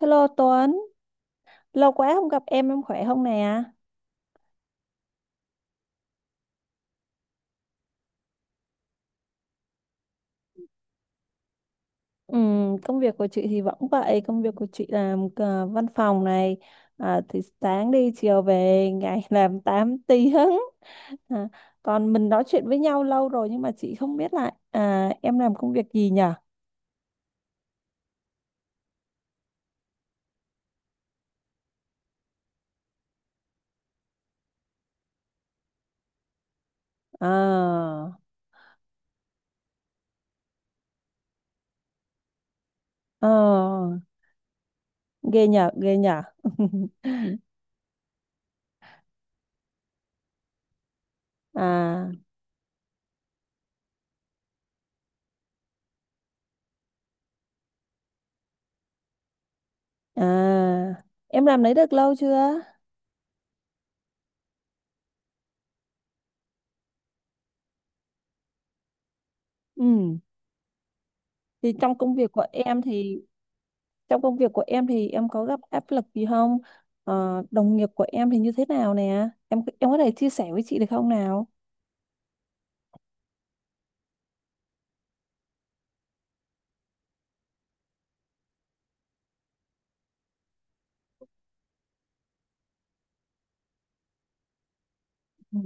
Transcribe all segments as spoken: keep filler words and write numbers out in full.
Hello Tuấn, lâu quá không gặp em, em khỏe không nè? Ừm, công việc của chị thì vẫn vậy, công việc của chị làm ờ, văn phòng này, à, thì sáng đi chiều về, ngày làm tám tiếng. À, còn mình nói chuyện với nhau lâu rồi nhưng mà chị không biết lại à, em làm công việc gì nhở? À, ờ, ghê nhở, ghê nhở. À, à, em làm đấy được lâu chưa? Ừ, thì trong công việc của em thì trong công việc của em thì em có gặp áp lực gì không? Ờ, đồng nghiệp của em thì như thế nào nè? Em em có thể chia sẻ với chị được không nào? Ừ.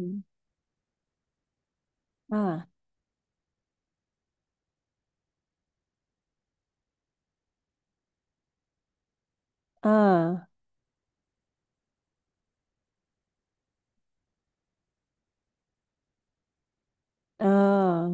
À, à, à.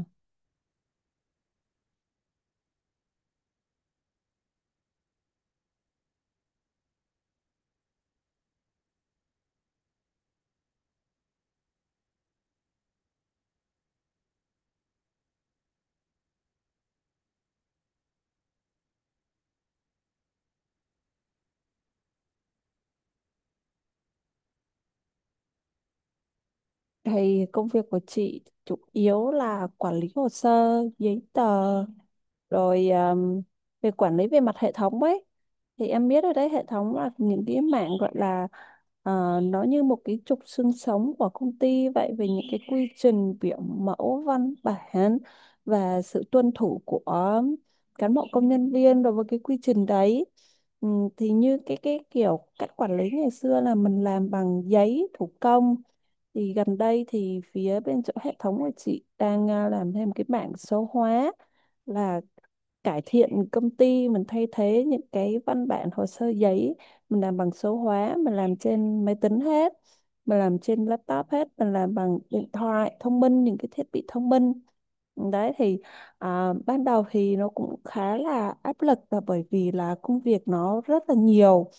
Thì công việc của chị chủ yếu là quản lý hồ sơ, giấy tờ rồi um, về quản lý về mặt hệ thống ấy, thì em biết ở đấy hệ thống là những cái mảng gọi là ờ, nó như một cái trục xương sống của công ty vậy, về những cái quy trình biểu mẫu văn bản và sự tuân thủ của cán bộ công nhân viên đối với cái quy trình đấy. Ừ, thì như cái cái kiểu cách quản lý ngày xưa là mình làm bằng giấy thủ công, thì gần đây thì phía bên chỗ hệ thống của chị đang à, làm thêm cái bảng số hóa, là cải thiện công ty mình, thay thế những cái văn bản hồ sơ giấy mình làm bằng số hóa, mình làm trên máy tính hết, mình làm trên laptop hết, mình làm bằng điện thoại thông minh, những cái thiết bị thông minh đấy thì à, ban đầu thì nó cũng khá là áp lực, là bởi vì là công việc nó rất là nhiều,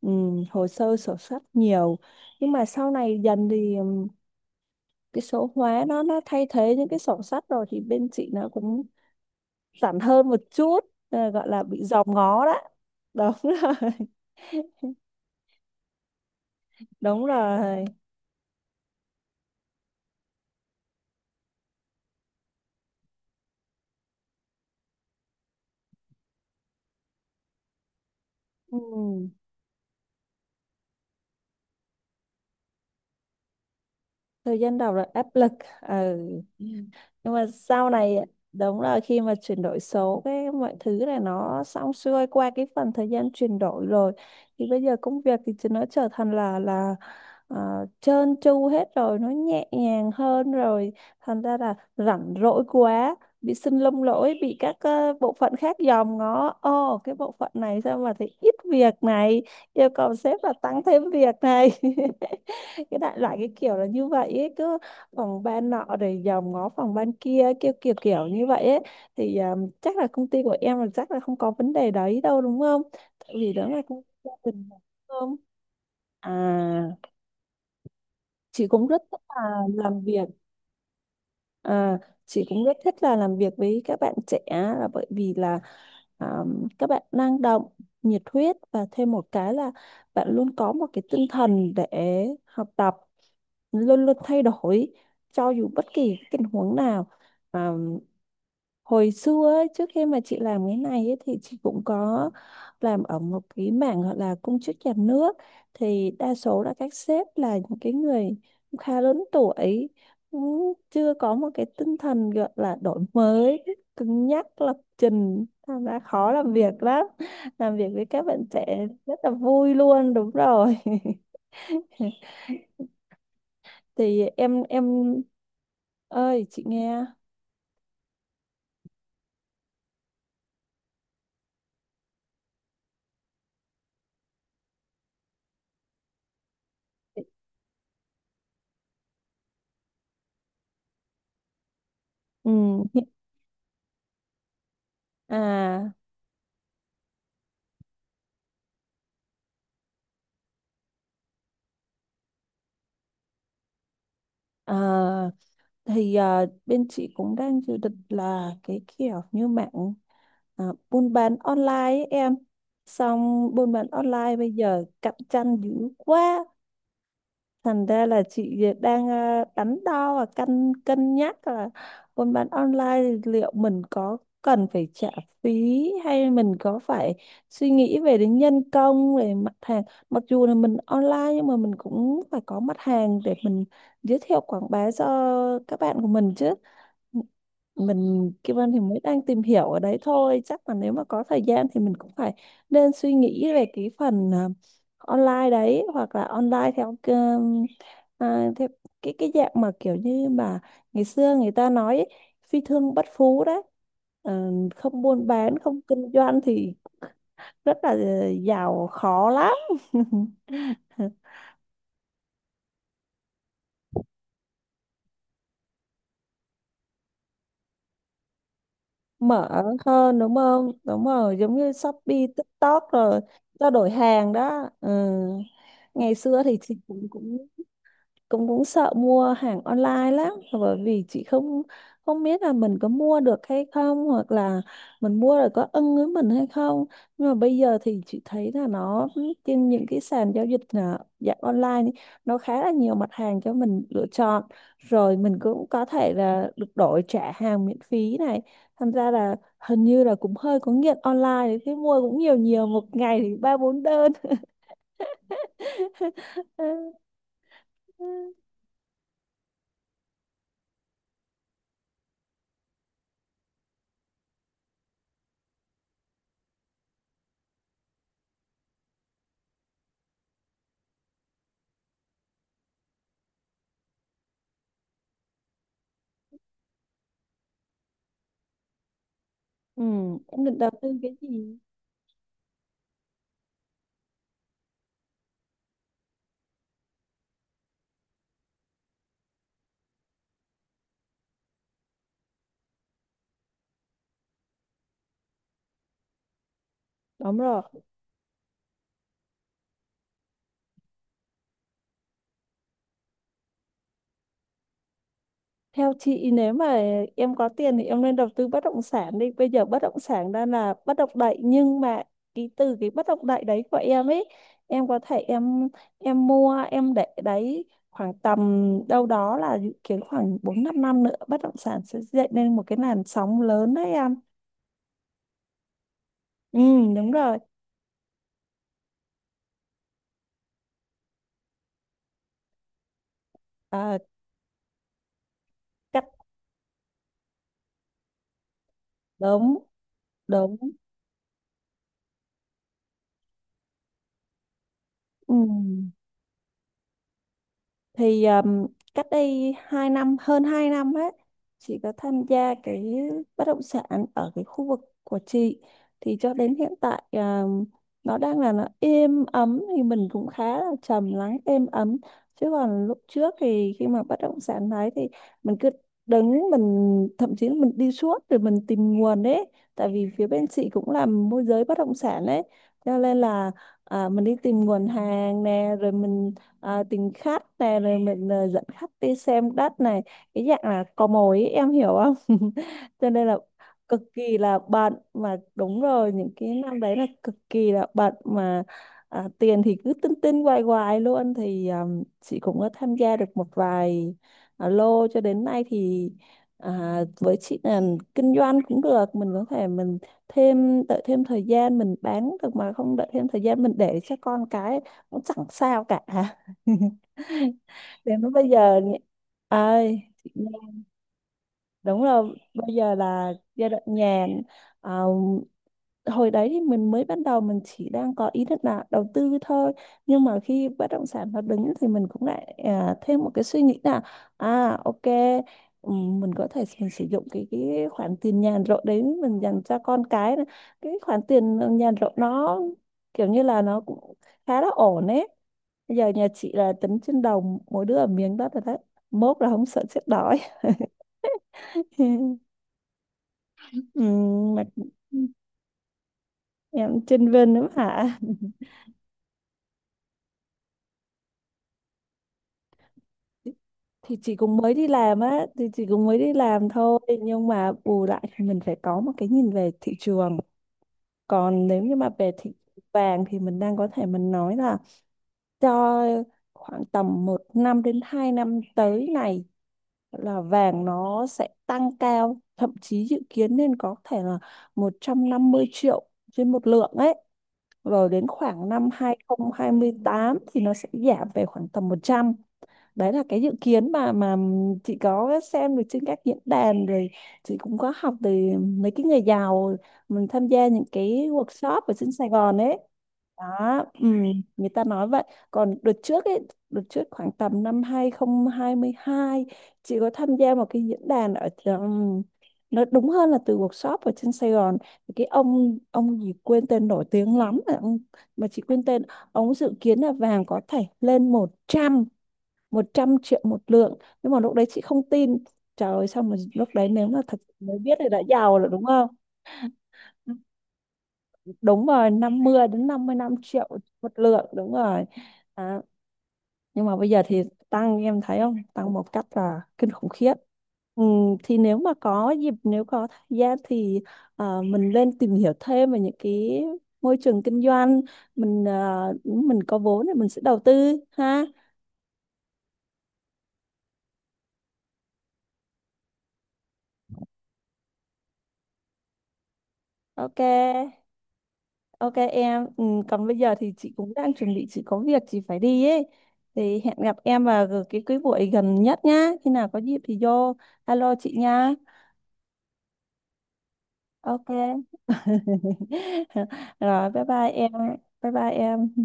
ừm, hồ sơ sổ sách nhiều. Nhưng mà sau này dần thì ừm, cái số hóa nó nó thay thế những cái sổ sách rồi thì bên chị nó cũng giản hơn một chút. Ờ, gọi là bị dòm ngó đó, đúng rồi. Đúng rồi, ừ. Thời gian đầu là áp lực. Ừ. Nhưng mà sau này, đúng là khi mà chuyển đổi số, cái mọi thứ này nó xong xuôi, qua cái phần thời gian chuyển đổi rồi thì bây giờ công việc thì nó trở thành là là ờ, trơn tru hết rồi, nó nhẹ nhàng hơn rồi, thành ra là rảnh rỗi quá, bị sưng lông lỗi, bị các ờ, bộ phận khác dòm ngó, ồ cái bộ phận này sao mà thấy ít việc này, yêu cầu sếp là tăng thêm việc này. Cái đại loại cái kiểu là như vậy ấy, cứ phòng ban nọ rồi dòm ngó phòng ban kia, kiểu kiểu kiểu như vậy ấy. Thì ờ, chắc là công ty của em là chắc là không có vấn đề đấy đâu, đúng không, tại vì đó là công ty gia đình mà, đúng không? À, chị cũng rất thích là làm việc, à, chị cũng rất thích là làm việc với các bạn trẻ, là bởi vì là à, các bạn năng động, nhiệt huyết, và thêm một cái là bạn luôn có một cái tinh thần để học tập, luôn luôn thay đổi, cho dù bất kỳ cái tình huống nào. Hồi xưa ấy, trước khi mà chị làm cái này ấy, thì chị cũng có làm ở một cái mảng gọi là công chức nhà nước, thì đa số là các sếp là những cái người cũng khá lớn tuổi, cũng chưa có một cái tinh thần gọi là đổi mới, cứng nhắc lập trình, thành ra khó làm việc lắm. Làm việc với các bạn trẻ rất là vui luôn, đúng rồi. Thì em em ơi, chị nghe. Ừ, à, à, thì à, bên chị cũng đang dự định là cái kiểu như mạng, à, buôn bán online ấy em, xong buôn bán online bây giờ cạnh tranh dữ quá. Thành ra là chị đang ờ, đắn đo và cân cân nhắc là buôn bán online thì liệu mình có cần phải trả phí, hay mình có phải suy nghĩ về đến nhân công, về mặt hàng. Mặc dù là mình online nhưng mà mình cũng phải có mặt hàng để mình giới thiệu quảng bá cho các bạn của mình chứ. Mình Kim Anh thì mới đang tìm hiểu ở đấy thôi, chắc là nếu mà có thời gian thì mình cũng phải nên suy nghĩ về cái phần à, online đấy, hoặc là online theo um, à, theo cái cái dạng mà kiểu như mà ngày xưa người ta nói ấy, phi thương bất phú đấy. Ờ, không buôn bán không kinh doanh thì rất là ờ, giàu khó lắm. Mở hơn đúng không, đúng rồi, giống như Shopee TikTok rồi trao đổi hàng đó. Ừ. Ngày xưa thì chị cũng cũng cũng cũng sợ mua hàng online lắm, là bởi vì chị không không biết là mình có mua được hay không, hoặc là mình mua rồi có ưng với mình hay không. Nhưng mà bây giờ thì chị thấy là nó, trên những cái sàn giao dịch à, dạng online ấy, nó khá là nhiều mặt hàng cho mình lựa chọn, rồi mình cũng có thể là được đổi trả hàng miễn phí này, thành ra là hình như là cũng hơi có nghiện online đấy, thế mua cũng nhiều nhiều một ngày thì ba bốn đơn. Ừ, em định đầu tư cái gì? Đúng rồi. Theo chị, nếu mà em có tiền thì em nên đầu tư bất động sản đi. Bây giờ bất động sản đang là bất động đại, nhưng mà cái từ cái bất động đại đấy của em ấy, em có thể em em mua em để đấy khoảng tầm đâu đó là dự kiến khoảng bốn năm năm nữa bất động sản sẽ dậy lên một cái làn sóng lớn đấy em. Ừ, đúng rồi. À, cắt đống đống. Ừ. Thì um, cách đây hai năm, hơn hai năm ấy, chị có tham gia cái bất động sản ở cái khu vực của chị, thì cho đến hiện tại um, nó đang là nó êm ấm thì mình cũng khá là trầm lắng êm ấm. Chứ còn lúc trước thì khi mà bất động sản đấy thì mình cứ đứng, mình thậm chí là mình đi suốt rồi mình tìm nguồn ấy, tại vì phía bên chị cũng làm môi giới bất động sản ấy, cho nên là à, mình đi tìm nguồn hàng nè, rồi mình à, tính khát này, rồi mình à, dẫn khách đi xem đất này, cái dạng là cò mồi ấy, em hiểu không. Cho nên là cực kỳ là bận mà, đúng rồi, những cái năm đấy là cực kỳ là bận mà. À, tiền thì cứ tinh tinh hoài hoài luôn. Thì à, chị cũng có tham gia được một vài à, lô, cho đến nay thì à, với chị là kinh doanh cũng được, mình có thể mình thêm đợi thêm thời gian mình bán được, mà không đợi thêm thời gian mình để cho con cái cũng chẳng sao cả. Đến lúc bây giờ ơi, đúng rồi, bây giờ là giai đoạn nhàn. à, Hồi đấy thì mình mới bắt đầu, mình chỉ đang có ý định là đầu tư thôi, nhưng mà khi bất động sản nó đứng thì mình cũng lại à, thêm một cái suy nghĩ là à ok, ừm, mình có thể mình sử dụng cái cái khoản tiền nhàn rỗi đấy mình dành cho con cái này. Cái khoản tiền nhàn rỗi nó kiểu như là nó cũng khá là ổn ấy. Bây giờ nhà chị là tính trên đầu mỗi đứa ở miếng đó rồi đấy, mốt là không sợ chết đói. Ừ, mà em chênh vênh lắm hả? Thì chị cũng mới đi làm á, thì chị cũng mới đi làm thôi. Nhưng mà bù lại thì mình phải có một cái nhìn về thị trường. Còn nếu như mà về thị trường vàng thì mình đang có thể mình nói là cho khoảng tầm một năm đến hai năm tới này là vàng nó sẽ tăng cao, thậm chí dự kiến nên có thể là một trăm năm mươi triệu trên một lượng ấy, rồi đến khoảng năm hai không hai tám thì nó sẽ giảm về khoảng tầm một trăm. Đấy là cái dự kiến mà mà chị có xem được trên các diễn đàn, rồi chị cũng có học từ mấy cái người giàu, mình tham gia những cái workshop ở trên Sài Gòn ấy đó. Ừ, người ta nói vậy. Còn đợt trước ấy, đợt trước khoảng tầm năm hai không hai hai, chị có tham gia một cái diễn đàn ở um, nó đúng hơn là từ workshop ở trên Sài Gòn. Thì cái ông ông gì quên tên, nổi tiếng lắm mà ông, mà chị quên tên, ông dự kiến là vàng có thể lên một trăm, một trăm triệu một lượng, nhưng mà lúc đấy chị không tin. Trời ơi, xong rồi lúc đấy nếu mà thật mới biết thì đã giàu rồi đúng không. Đúng rồi, năm mươi đến năm mươi lăm triệu một lượng, đúng rồi. À, nhưng mà bây giờ thì tăng, em thấy không, tăng một cách là kinh khủng khiếp. Ừ, thì nếu mà có dịp, nếu có thời gian thì ờ, mình lên tìm hiểu thêm về những cái môi trường kinh doanh, mình ờ, mình có vốn thì mình sẽ đầu tư ha. Ok. Ok em, ừ, còn bây giờ thì chị cũng đang chuẩn bị, chị có việc chị phải đi ấy. Thì hẹn gặp em vào cái cái buổi gần nhất nhá. Khi nào có dịp thì vô alo chị nha. Ok. Rồi bye bye em. Bye bye em.